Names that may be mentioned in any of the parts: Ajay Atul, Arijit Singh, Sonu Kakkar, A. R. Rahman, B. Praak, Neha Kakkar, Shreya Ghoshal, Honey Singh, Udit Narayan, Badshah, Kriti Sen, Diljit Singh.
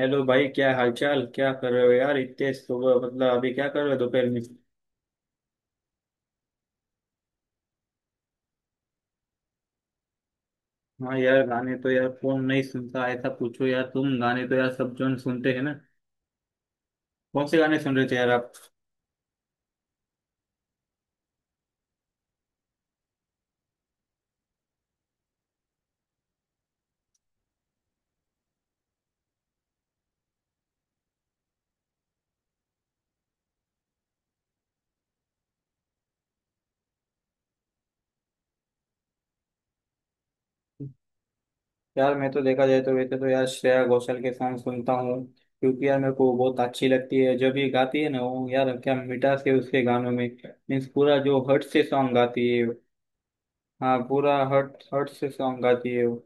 Hello भाई, क्या हालचाल? क्या कर रहे हो यार इतने सुबह? मतलब अभी क्या कर रहे हो दोपहर में? हाँ यार, गाने तो यार कौन नहीं सुनता? ऐसा पूछो यार, तुम। गाने तो यार सब जन सुनते हैं ना। कौन से गाने सुन रहे थे यार आप? यार मैं तो, देखा जाए तो वैसे तो यार, श्रेया घोषाल के सॉन्ग सुनता हूँ। क्योंकि यार मेरे को बहुत अच्छी लगती है जब ये गाती है ना। वो यार क्या मिठास है उसके गानों में। मीन्स पूरा जो हर्ट से सॉन्ग गाती है। हाँ, पूरा हर्ट हर्ट से सॉन्ग गाती है वो।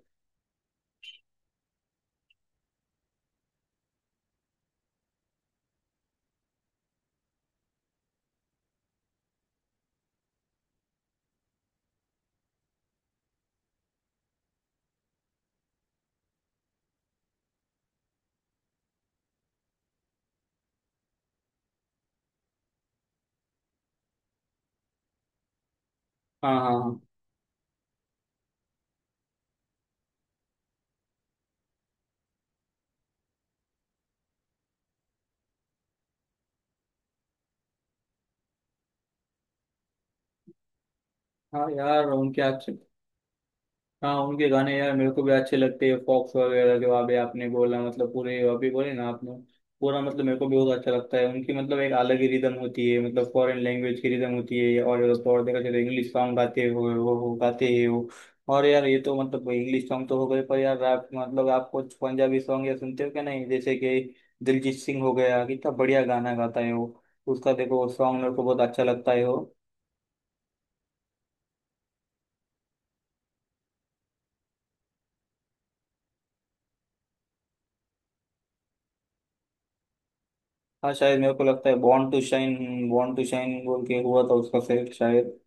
हाँ, हाँ, हाँ। हाँ यार, उनके अच्छे। हाँ, उनके गाने यार मेरे को भी अच्छे लगते हैं, फॉक्स वगैरह, जो अभी आपने बोला, मतलब पूरे अभी बोले ना आपने। पूरा मतलब मेरे को भी बहुत अच्छा लगता है उनकी, मतलब एक अलग ही रिदम होती है, मतलब फॉरेन लैंग्वेज की रिदम होती है। और तो और देखा जाए तो इंग्लिश सॉन्ग गाते हो वो गाते हैं वो। और यार ये तो मतलब इंग्लिश सॉन्ग तो हो गए, पर यार रैप मतलब आप कुछ पंजाबी सॉन्ग या सुनते हो क्या? नहीं, जैसे कि दिलजीत सिंह हो गया, कितना बढ़िया गाना गाता है वो। उसका देखो सॉन्ग मेरे को बहुत अच्छा लगता है वो। हाँ शायद, मेरे को लगता है born to shine, born to shine बोल के हुआ था उसका सेट शायद।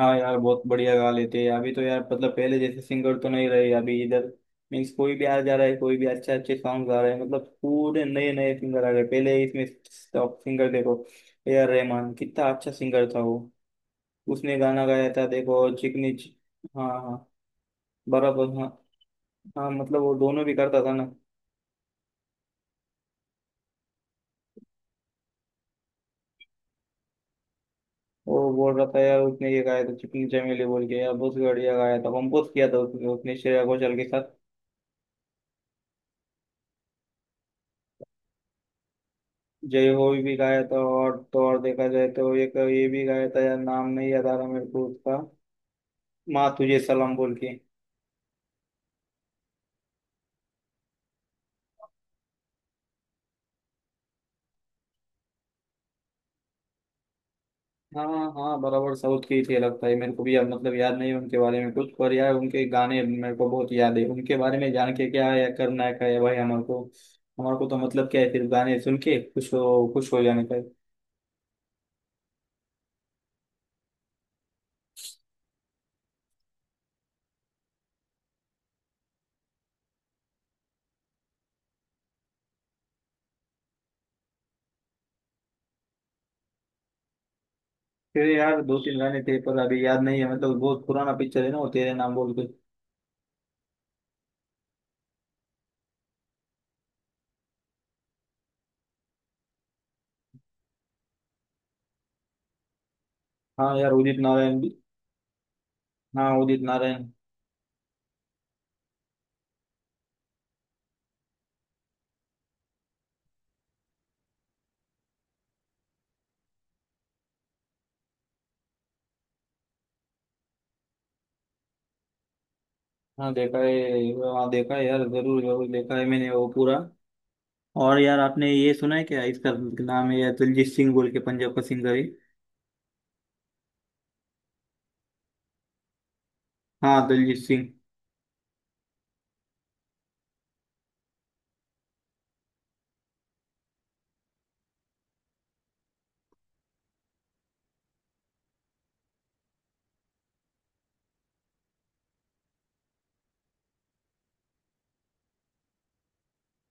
हाँ यार, बहुत बढ़िया गा लेते हैं अभी तो यार, मतलब पहले जैसे सिंगर तो नहीं रहे अभी इधर। मीन्स कोई भी आ जा रहा है, कोई भी। अच्छे अच्छे सॉन्ग आ रहे हैं, मतलब पूरे नए नए सिंगर आ रहे हैं पहले इसमें। टॉप सिंगर देखो। ए आर रहमान कितना अच्छा सिंगर था वो। उसने गाना गाया था देखो चिकनी हाँ, हाँ। बराबर, हाँ। हाँ, मतलब वो दोनों भी करता था ना। वो बोल रहा था यार, उसने ये गाया था चिकनी चमेली बोल के। यार बहुत बढ़िया गाया था, कंपोज किया था उसने उसने श्रेया घोषाल के साथ। जय हो भी गाया था, और तो और देखा जाए तो एक ये भी गाया था यार, नाम नहीं याद आ रहा मेरे को उसका। माँ तुझे सलाम बोल के। हाँ, हाँ, बराबर, साउथ के ही थे लगता है मेरे को भी यार। मतलब याद नहीं है उनके बारे में कुछ, पर यार उनके गाने मेरे को बहुत याद है। उनके बारे में जान के क्या है, करना है क्या है भाई हमारे को। हमारे को तो मतलब क्या है, सिर्फ गाने सुन के खुश हो, खुश हो जाने का है। फिर यार दो तीन गाने थे, पर अभी याद नहीं है, मतलब बहुत पुराना पिक्चर है ना वो तेरे नाम बोल के। हाँ यार, उदित नारायण भी। हाँ, उदित नारायण। हाँ, देखा है। हाँ, देखा है यार, जरूर जरूर देखा है मैंने वो पूरा। और यार आपने ये सुना है क्या, इसका नाम है यार दिलजीत सिंह बोल के, पंजाब का सिंगर है। हाँ, दिलजीत सिंह।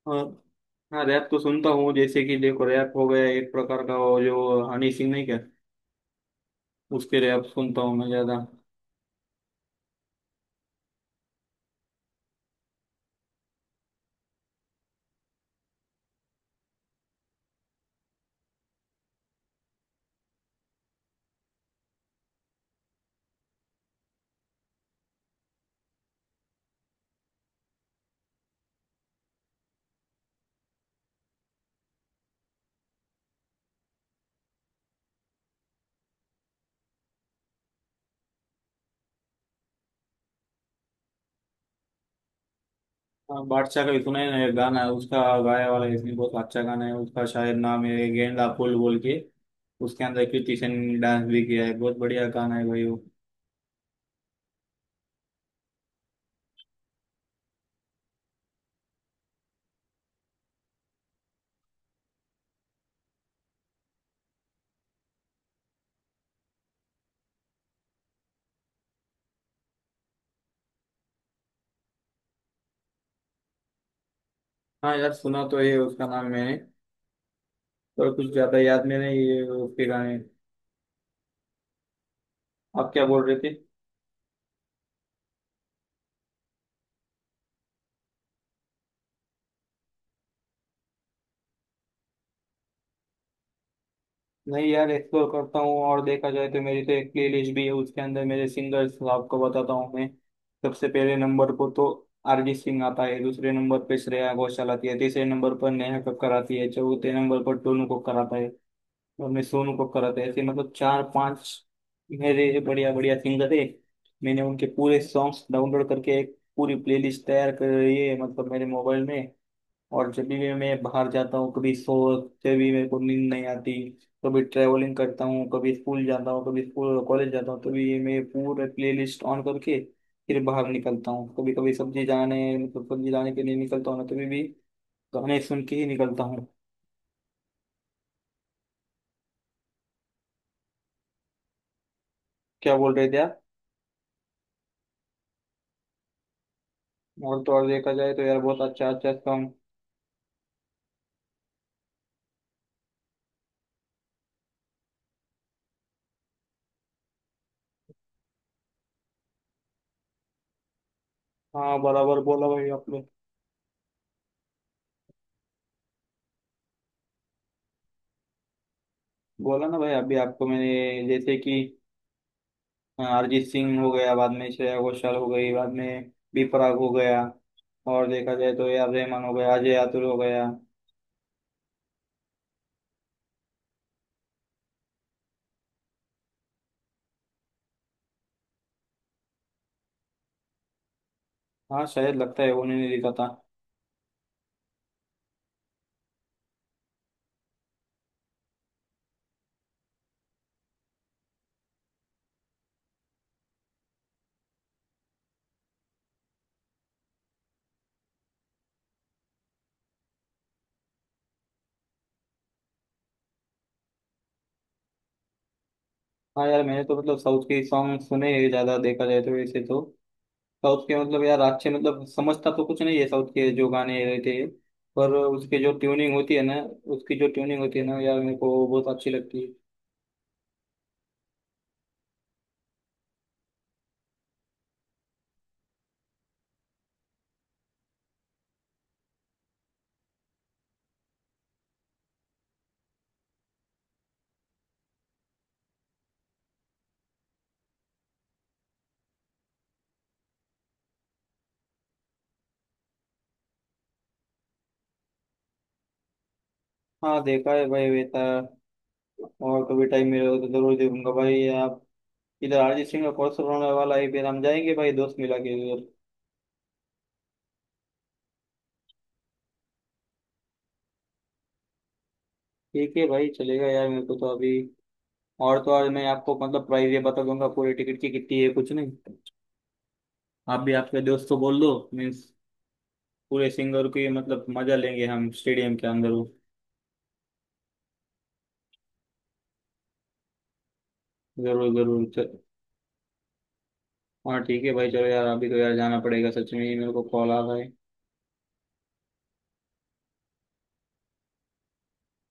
और। हाँ, रैप तो सुनता हूँ, जैसे कि देखो रैप हो गया एक प्रकार का, वो जो हनी सिंह नहीं क्या? उसके रैप सुनता हूँ मैं ज्यादा। हाँ, बादशाह का भी सुना है ना, ये गाना है उसका गाया वाला। इसमें बहुत अच्छा गाना है उसका, शायद नाम है गेंदा फूल बोल के। उसके अंदर कृति सेन ने डांस भी किया है, बहुत बढ़िया गाना है भाई वो। हाँ यार, सुना तो है उसका नाम मैंने। पर कुछ ज्यादा याद में नहीं है उसके गाने। आप क्या बोल रहे थे? नहीं यार, एक्सप्लोर करता हूँ और देखा जाए तो मेरी तो एक प्लेलिस्ट भी है, उसके अंदर मेरे सिंगर्स आपको बताता हूँ मैं। सबसे पहले नंबर पर तो अरिजीत सिंह आता है, दूसरे नंबर पर श्रेया घोषाल आती है, तीसरे नंबर पर नेहा कक्कर आती है, चौथे नंबर पर टोनू कक्कर आता है। हमने सोनू कक्कर आते ऐसे, मतलब चार पांच। मेरे बढ़िया बढ़िया सिंगर है। मैंने उनके पूरे सॉन्ग्स डाउनलोड करके एक पूरी प्लेलिस्ट तैयार कर रही है, मतलब मेरे मोबाइल में। और जब भी मैं बाहर जाता हूँ, कभी सो, जब भी मेरे को नींद नहीं आती, कभी ट्रैवलिंग करता हूँ, कभी स्कूल जाता हूँ, कभी स्कूल कॉलेज जाता हूँ, तभी ये मैं पूरे प्लेलिस्ट ऑन करके फिर बाहर निकलता हूँ। कभी कभी सब्जी जाने, मतलब सब्जी लाने के लिए निकलता हूँ ना, तभी भी गाने सुन के ही निकलता हूँ। क्या बोल रहे थे आप? और तो और देखा जाए तो यार बहुत अच्छा अच्छा सॉन्ग। हाँ, बराबर बोला भाई आपने। बोला ना भाई अभी आपको मैंने, जैसे कि हाँ, अरिजीत सिंह हो गया, बाद में श्रेया घोषाल हो गई, बाद में बी प्राक हो गया। और देखा जाए तो यार रहमान हो गया, अजय आतुल हो गया। हाँ शायद, लगता है उन्हें नहीं देखा था। हाँ यार, मैंने तो मतलब साउथ के सॉन्ग सुने हैं ज्यादा, देखा जाए तो वैसे तो साउथ के, मतलब यार अच्छे, मतलब समझता तो कुछ नहीं है साउथ के जो गाने रहते हैं। पर उसके जो ट्यूनिंग होती है ना, उसकी जो ट्यूनिंग होती है ना यार, मेरे को बहुत अच्छी लगती है। हाँ, देखा है भाई बेटा। और कभी टाइम मिले तो जरूर देखूंगा भाई आप। इधर अरिजीत सिंह का कॉन्सर्ट होने वाला है, फिर हम जाएंगे भाई दोस्त मिला के उधर। ठीक है भाई, चलेगा यार मेरे को तो अभी। और तो और मैं आपको मतलब प्राइस ये बता दूंगा, पूरी टिकट की कितनी है कुछ नहीं। आप भी आपके दोस्त को बोल दो मीन्स। पूरे सिंगर की मतलब मजा लेंगे हम स्टेडियम के अंदर वो। जरूर जरूर हाँ ठीक है भाई, चलो यार अभी तो यार जाना पड़ेगा, सच में ही मेरे को कॉल आ रहा है।